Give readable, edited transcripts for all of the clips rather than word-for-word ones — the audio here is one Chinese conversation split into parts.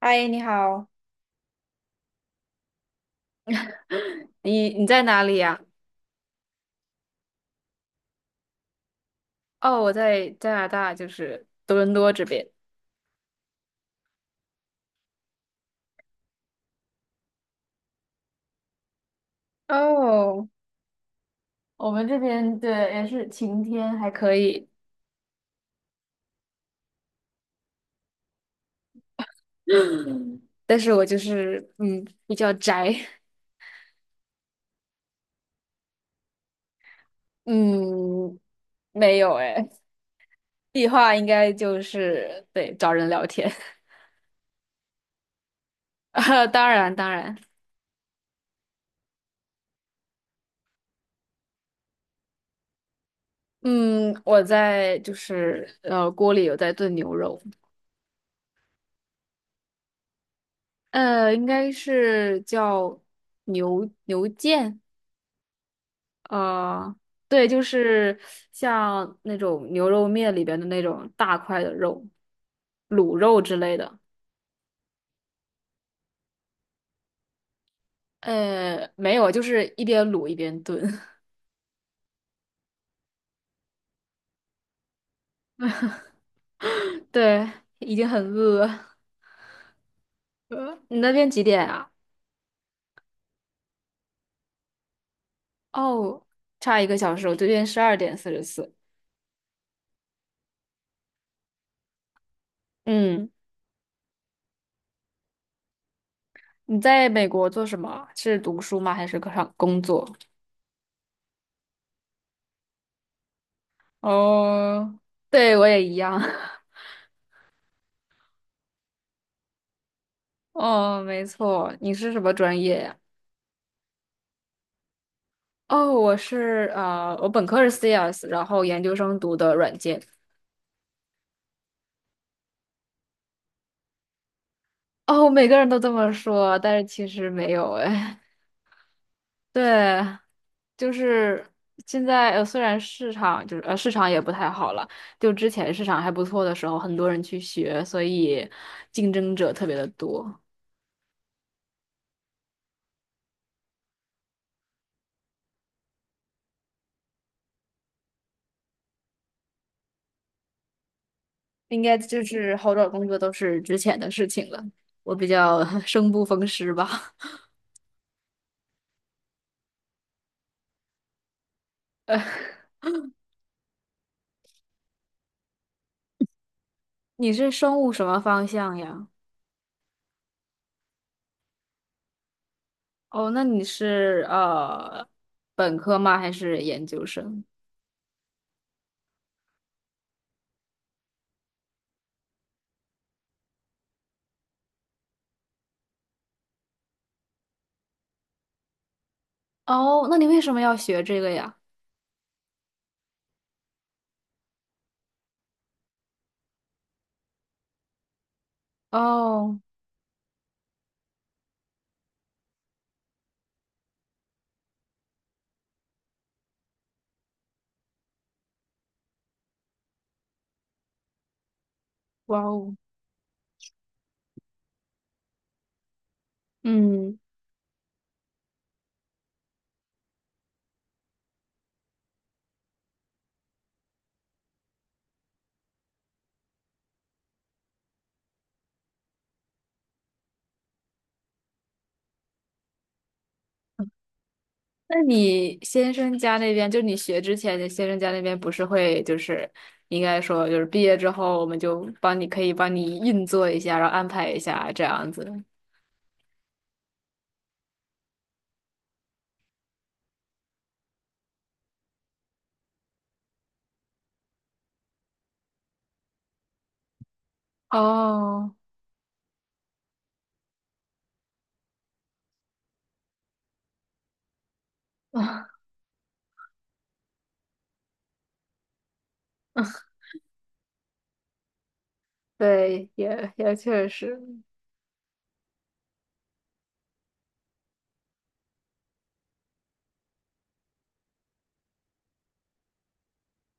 嗨，你好。你在哪里呀？哦，我在加拿大，就是多伦多这边。哦，我们这边对也是晴天，还可以，但是我就是比较宅。嗯没有哎，计划应该就是对找人聊天。啊，当然，嗯我在就是锅里有在炖牛肉。应该是叫牛腱，呃，对，就是像那种牛肉面里边的那种大块的肉，卤肉之类的。没有，就是一边卤一边炖。对，已经很饿了。你那边几点啊？哦，差一个小时，我这边十二点四十四。嗯，你在美国做什么？是读书吗？还是上工作？哦，对，我也一样。哦，没错，你是什么专业呀？哦，我是我本科是 CS，然后研究生读的软件。哦，每个人都这么说，但是其实没有哎。对，就是现在虽然市场就是市场也不太好了，就之前市场还不错的时候，很多人去学，所以竞争者特别的多。应该就是好找工作都是之前的事情了。我比较 生不逢时吧。呃，你是生物什么方向呀？哦，那你是本科吗？还是研究生？哦，那你为什么要学这个呀？哦，哇哦，嗯，那你先生家那边，就你学之前，你先生家那边不是会就是应该说就是毕业之后，我们就帮你可以帮你运作一下，然后安排一下这样子。哦，对，也也确实。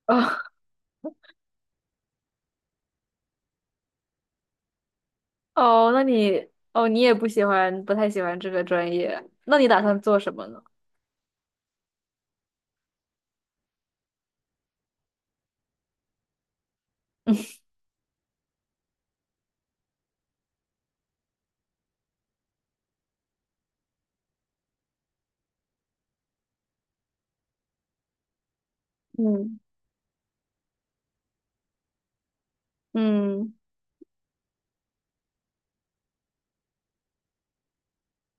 哦哦，那你哦，你也不喜欢，不太喜欢这个专业，那你打算做什么呢？嗯嗯嗯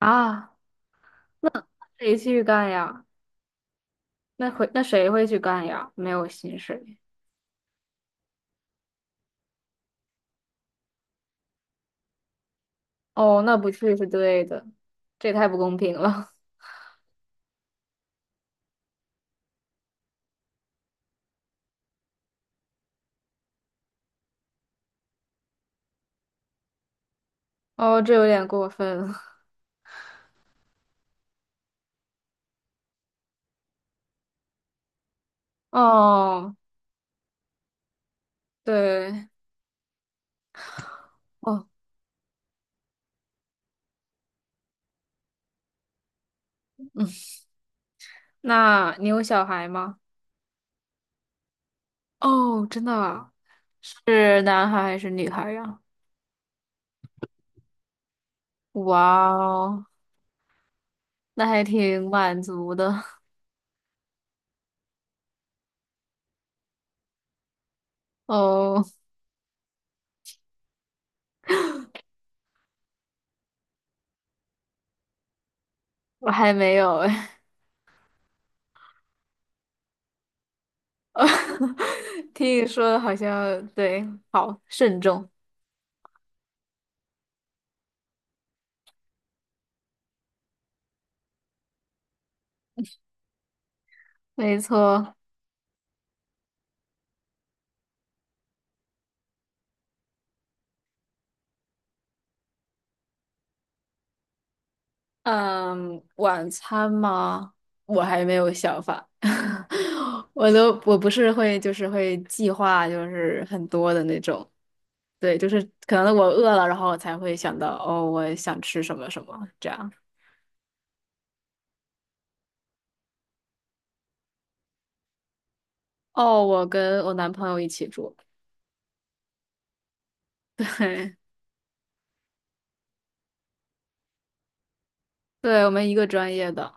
啊，谁去干呀？那会那谁会去干呀？没有薪水。哦，那不去是对的，这也太不公平了。哦，这有点过分了。哦，对，哦，嗯，那你有小孩吗？哦，真的啊，是男孩还是女孩呀？哇哦，那还挺满足的。哦，我还没有哎。听你说的好像对，好慎重。没错。嗯，晚餐吗？我还没有想法。我都我不是会就是会计划就是很多的那种。对，就是可能我饿了，然后我才会想到哦，我想吃什么什么这样。哦，我跟我男朋友一起住。嘿，对，我们一个专业的，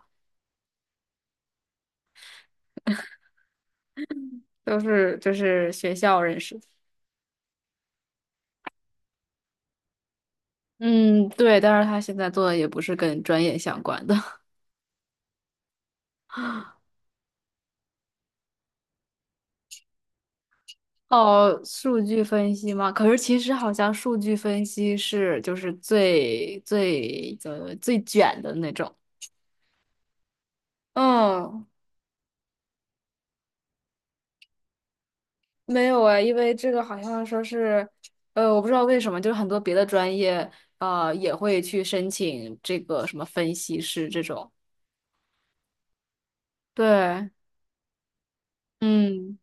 都是就是学校认识的。嗯，对，但是他现在做的也不是跟专业相关的。哦，数据分析吗？可是其实好像数据分析是就是最最卷的那种。嗯，没有哎，因为这个好像说是，我不知道为什么，就是很多别的专业，啊也会去申请这个什么分析师这种。对，嗯，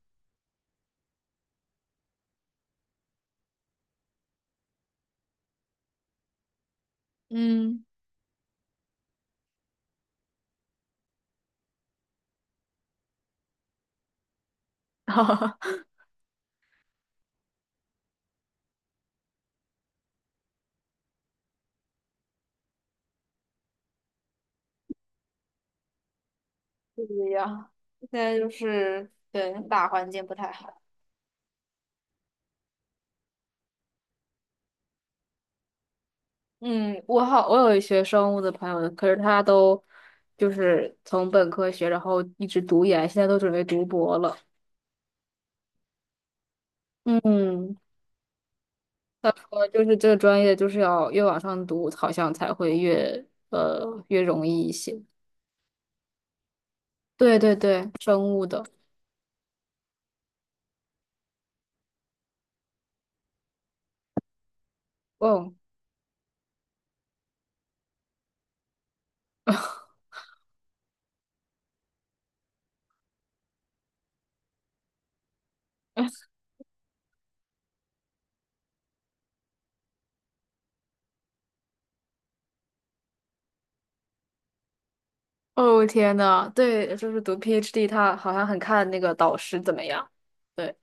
嗯。不一样。现在就是对大环境不太好。嗯，我好，我有一学生物的朋友，可是他都就是从本科学，然后一直读研，现在都准备读博了。嗯，我就是这个专业，就是要越往上读，好像才会越越容易一些。对对对，生物的，哦哦天呐，对，就是读 PhD，他好像很看那个导师怎么样。对，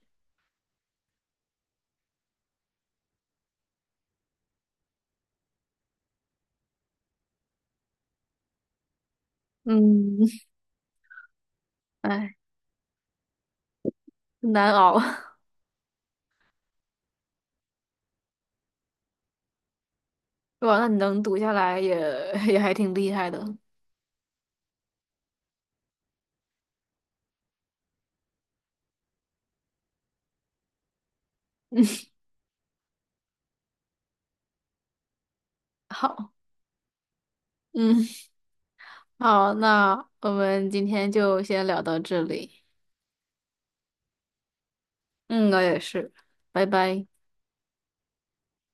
嗯，哎，难熬。哇，那你能读下来也也还挺厉害的。嗯，好，嗯。好，那我们今天就先聊到这里。嗯，我也是，拜拜。